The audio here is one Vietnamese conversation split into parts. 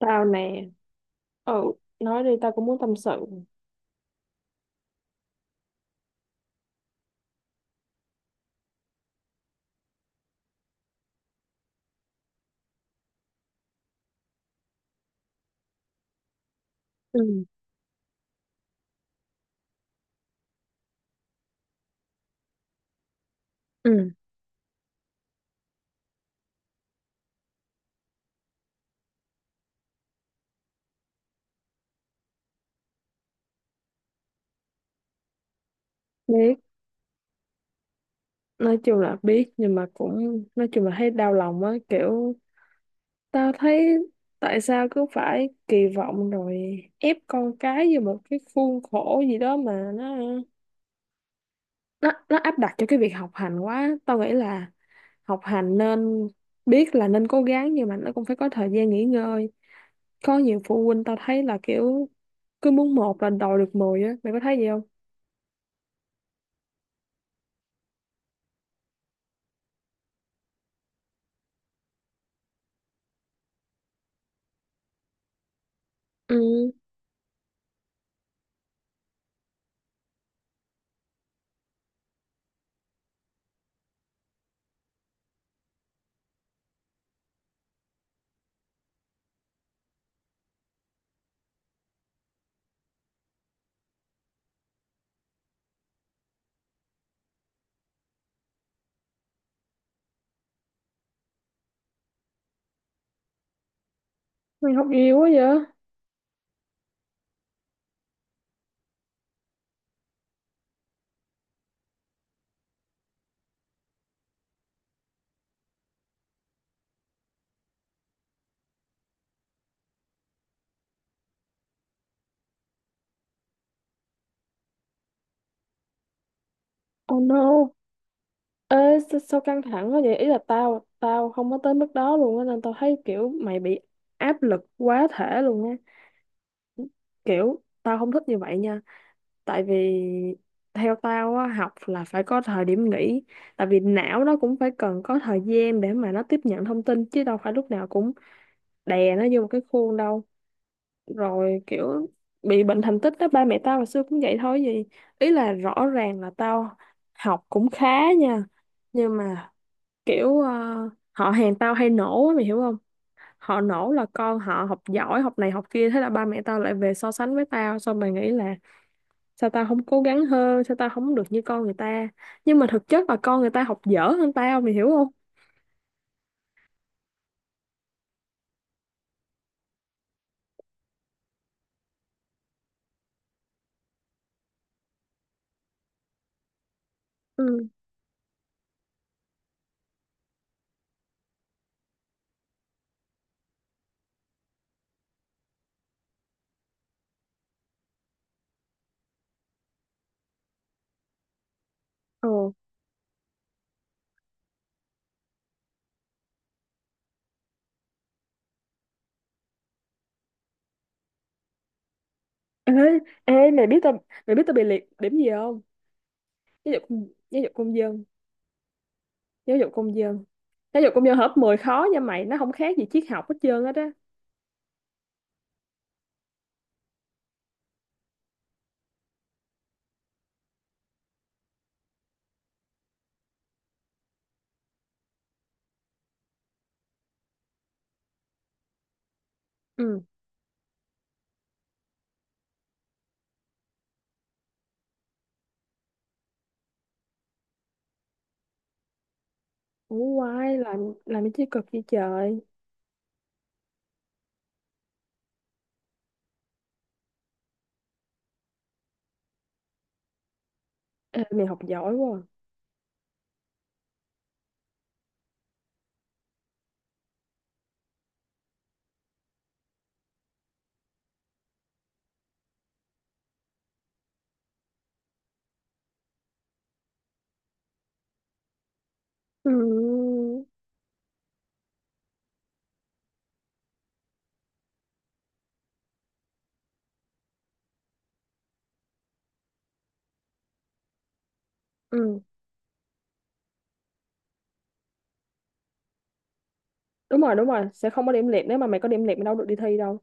Tao nè, ừ, nói đi tao cũng muốn tâm sự. Ừ. Ừ. Biết, nói chung là biết nhưng mà cũng nói chung là thấy đau lòng á, kiểu tao thấy tại sao cứ phải kỳ vọng rồi ép con cái vô một cái khuôn khổ gì đó mà nó áp đặt cho cái việc học hành quá. Tao nghĩ là học hành nên biết là nên cố gắng nhưng mà nó cũng phải có thời gian nghỉ ngơi. Có nhiều phụ huynh tao thấy là kiểu cứ muốn một là đòi được mười á, mày có thấy gì không? Ừ. Mày học nhiều quá vậy? Oh no. Ê, sao, sao căng thẳng quá vậy? Ý là tao tao không có tới mức đó luôn á nên tao thấy kiểu mày bị áp lực quá thể luôn á. Kiểu tao không thích như vậy nha. Tại vì theo tao á, học là phải có thời điểm nghỉ. Tại vì não nó cũng phải cần có thời gian để mà nó tiếp nhận thông tin chứ đâu phải lúc nào cũng đè nó vô một cái khuôn đâu. Rồi kiểu bị bệnh thành tích đó ba mẹ tao hồi xưa cũng vậy thôi gì, ý là rõ ràng là tao học cũng khá nha, nhưng mà kiểu họ hàng tao hay nổ á, mày hiểu không, họ nổ là con họ học giỏi học này học kia thế là ba mẹ tao lại về so sánh với tao xong mày nghĩ là sao tao không cố gắng hơn, sao tao không được như con người ta, nhưng mà thực chất là con người ta học dở hơn tao, mày hiểu không? Ừ. Ồ. Ê, ê, mày biết tao bị liệt điểm gì không? Giáo dục. Giáo dục công dân. Giáo dục công dân. Giáo dục công dân hợp 10 khó nha mày, nó không khác gì triết học hết trơn hết á. Ừ. Ủa quay, làm cái chi cực vậy trời. Ê, mày học giỏi quá. À. Ừ. Ừ. Đúng rồi, sẽ không có điểm liệt, nếu mà mày có điểm liệt mày đâu được đi thi đâu.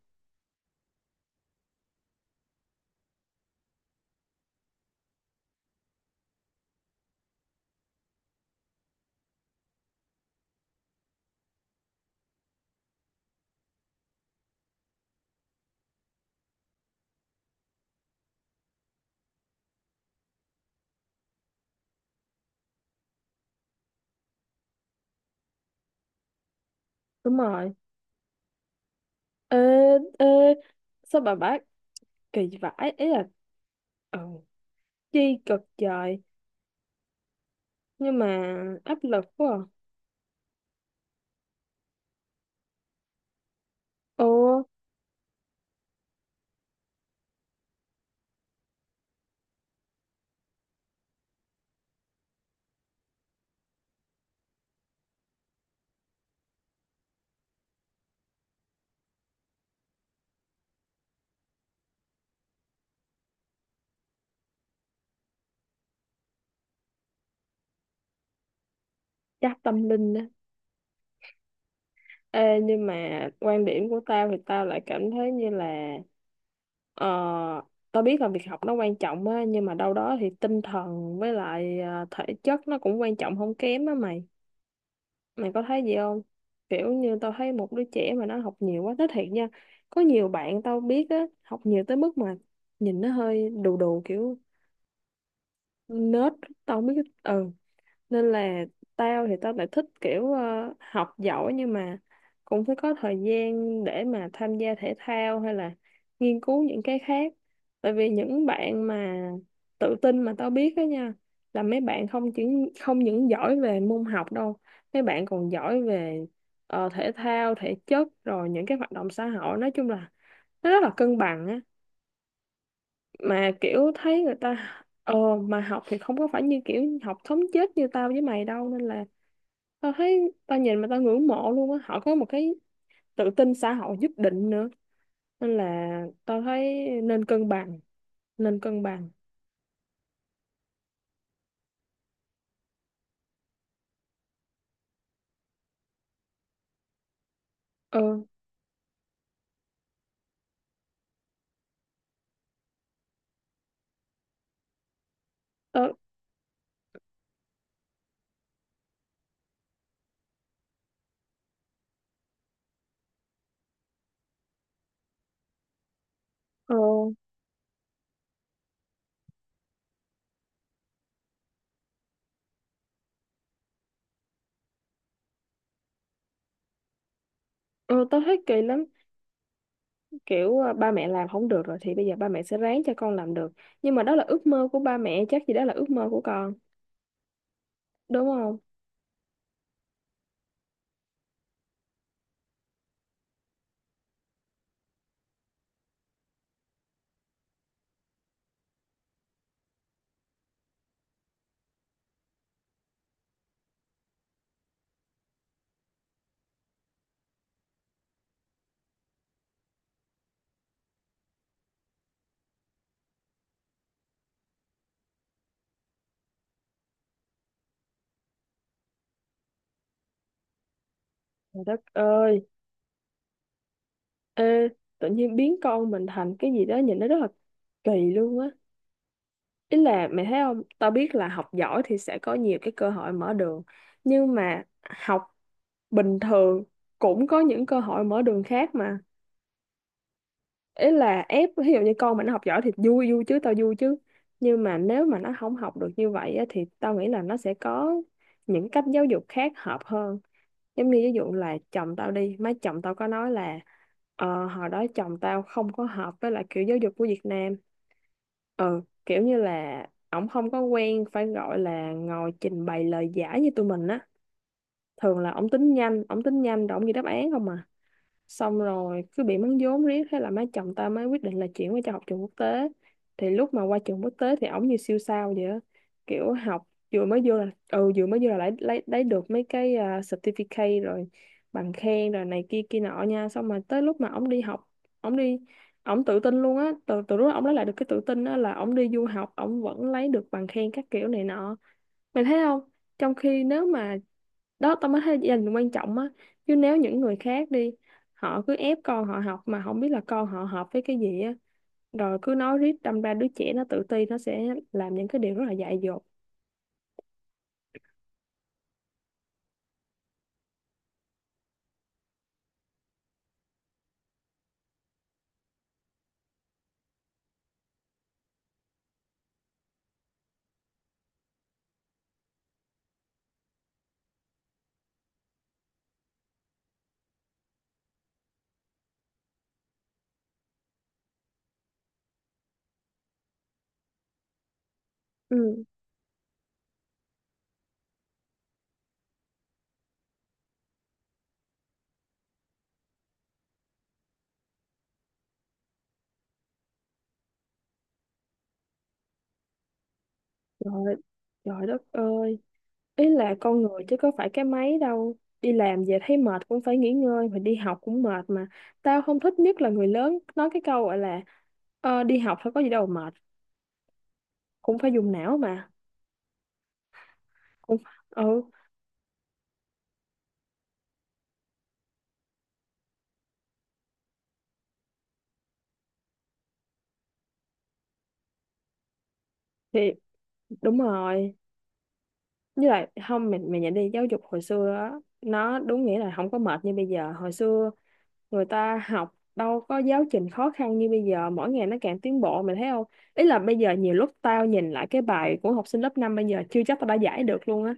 Đúng rồi. Ê, ê, sao bà bác kỳ vãi, ý là ừ, chi cực trời, nhưng mà áp lực quá. À. Ồ, chắc tâm linh đó. Ê, nhưng mà quan điểm của tao thì tao lại cảm thấy như là ờ, tao biết là việc học nó quan trọng á, nhưng mà đâu đó thì tinh thần với lại thể chất nó cũng quan trọng không kém á mày, mày có thấy gì không? Kiểu như tao thấy một đứa trẻ mà nó học nhiều quá, nói thiệt nha, có nhiều bạn tao biết á học nhiều tới mức mà nhìn nó hơi đù đù kiểu nết, tao không biết. Ừ, nên là tao lại thích kiểu học giỏi nhưng mà cũng phải có thời gian để mà tham gia thể thao hay là nghiên cứu những cái khác, tại vì những bạn mà tự tin mà tao biết đó nha là mấy bạn không chỉ không những giỏi về môn học đâu, mấy bạn còn giỏi về thể thao thể chất rồi những cái hoạt động xã hội, nói chung là nó rất là cân bằng á, mà kiểu thấy người ta ờ, mà học thì không có phải như kiểu học thống chết như tao với mày đâu, nên là tao thấy tao nhìn mà tao ngưỡng mộ luôn á, họ có một cái tự tin xã hội nhất định nữa, nên là tao thấy nên cân bằng, nên cân bằng. Ờ. tao ờ, ờ Tao thấy kỳ lắm, kiểu à, ba mẹ làm không được rồi thì bây giờ ba mẹ sẽ ráng cho con làm được, nhưng mà đó là ước mơ của ba mẹ chắc gì đó là ước mơ của con, đúng không? Trời đất ơi. Ê, tự nhiên biến con mình thành cái gì đó nhìn nó rất là kỳ luôn á, ý là mẹ thấy không, tao biết là học giỏi thì sẽ có nhiều cái cơ hội mở đường, nhưng mà học bình thường cũng có những cơ hội mở đường khác mà. Ý là ép ví dụ như con mà nó học giỏi thì vui vui chứ, tao vui chứ, nhưng mà nếu mà nó không học được như vậy á, thì tao nghĩ là nó sẽ có những cách giáo dục khác hợp hơn. Giống như ví dụ là chồng tao đi, má chồng tao có nói là hồi đó chồng tao không có hợp với lại kiểu giáo dục của Việt Nam, ừ, kiểu như là ổng không có quen phải gọi là ngồi trình bày lời giải như tụi mình á, thường là ổng tính nhanh rồi ổng ghi đáp án không à, xong rồi cứ bị mắng vốn riết thế là má chồng ta mới quyết định là chuyển qua cho học trường quốc tế. Thì lúc mà qua trường quốc tế thì ổng như siêu sao vậy á. Kiểu học vừa mới vô là, ừ, vừa mới vô là lấy được mấy cái à, certificate rồi bằng khen rồi này kia kia nọ nha, xong mà tới lúc mà ổng đi học, ổng đi ổng tự tin luôn á, từ từ lúc ổng lấy lại được cái tự tin á là ổng đi du học ổng vẫn lấy được bằng khen các kiểu này nọ, mày thấy không, trong khi nếu mà đó tao mới thấy gia đình quan trọng á, chứ nếu những người khác đi, họ cứ ép con họ học mà không biết là con họ hợp với cái gì á, rồi cứ nói riết đâm ra đứa trẻ nó tự ti, nó sẽ làm những cái điều rất là dại dột. Ừ. Trời, trời đất ơi, ý là con người chứ có phải cái máy đâu, đi làm về thấy mệt cũng phải nghỉ ngơi mà đi học cũng mệt mà. Tao không thích nhất là người lớn nói cái câu gọi là đi học phải có gì đâu mà mệt, cũng phải dùng não mà, cũng ừ thì đúng rồi. Với lại không, mình nhận đi giáo dục hồi xưa á, nó đúng nghĩa là không có mệt như bây giờ, hồi xưa người ta học đâu có giáo trình khó khăn như bây giờ, mỗi ngày nó càng tiến bộ mày thấy không, ý là bây giờ nhiều lúc tao nhìn lại cái bài của học sinh lớp 5 bây giờ chưa chắc tao đã giải được luôn á,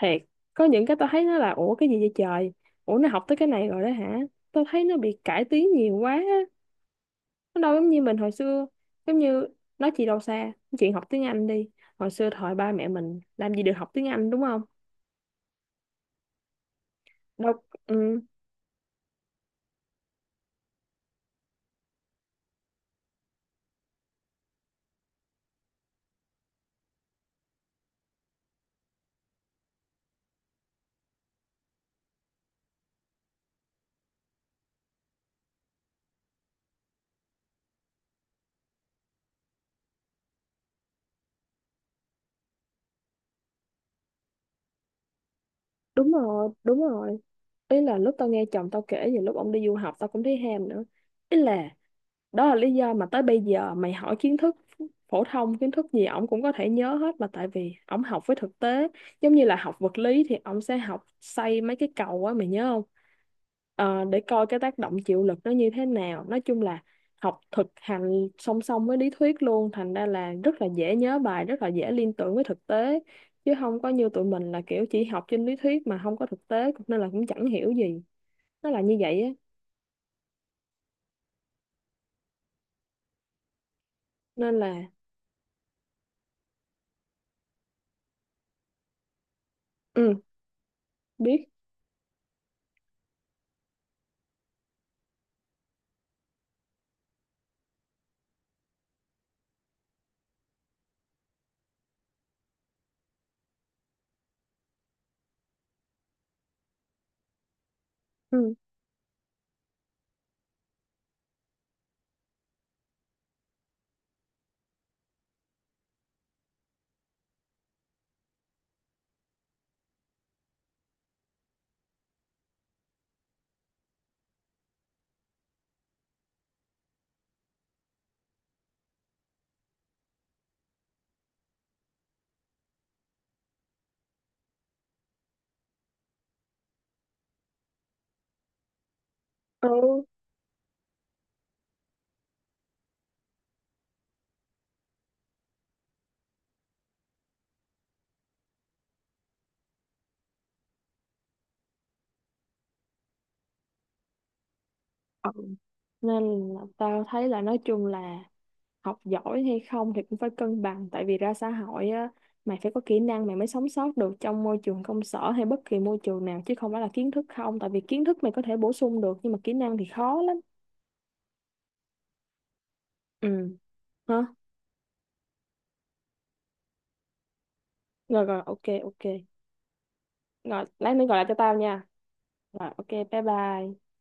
thiệt. Có những cái tao thấy nó là ủa cái gì vậy trời, ủa nó học tới cái này rồi đó hả, tao thấy nó bị cải tiến nhiều quá á. Nó đâu giống như mình hồi xưa, giống như nói chị đâu xa, chuyện học tiếng Anh đi, hồi xưa thời ba mẹ mình làm gì được học tiếng Anh đúng không, đâu. Ừ, đúng rồi, đúng rồi, ý là lúc tao nghe chồng tao kể về lúc ông đi du học tao cũng thấy ham nữa, ý là đó là lý do mà tới bây giờ mày hỏi kiến thức phổ thông kiến thức gì ổng cũng có thể nhớ hết mà, tại vì ổng học với thực tế, giống như là học vật lý thì ổng sẽ học xây mấy cái cầu á mày nhớ không. Ờ, để coi cái tác động chịu lực nó như thế nào, nói chung là học thực hành song song với lý thuyết luôn, thành ra là rất là dễ nhớ bài rất là dễ liên tưởng với thực tế, chứ không có như tụi mình là kiểu chỉ học trên lý thuyết mà không có thực tế nên là cũng chẳng hiểu gì, nó là như vậy á, nên là ừ, biết, ừ, ừ. Ừ. Nên là tao thấy là nói chung là học giỏi hay không thì cũng phải cân bằng, tại vì ra xã hội á mày phải có kỹ năng mày mới sống sót được trong môi trường công sở hay bất kỳ môi trường nào, chứ không phải là kiến thức không, tại vì kiến thức mày có thể bổ sung được nhưng mà kỹ năng thì khó lắm. Ừ. Hả? Rồi rồi, ok ok, rồi lát nữa gọi lại cho tao nha. Rồi ok, bye bye.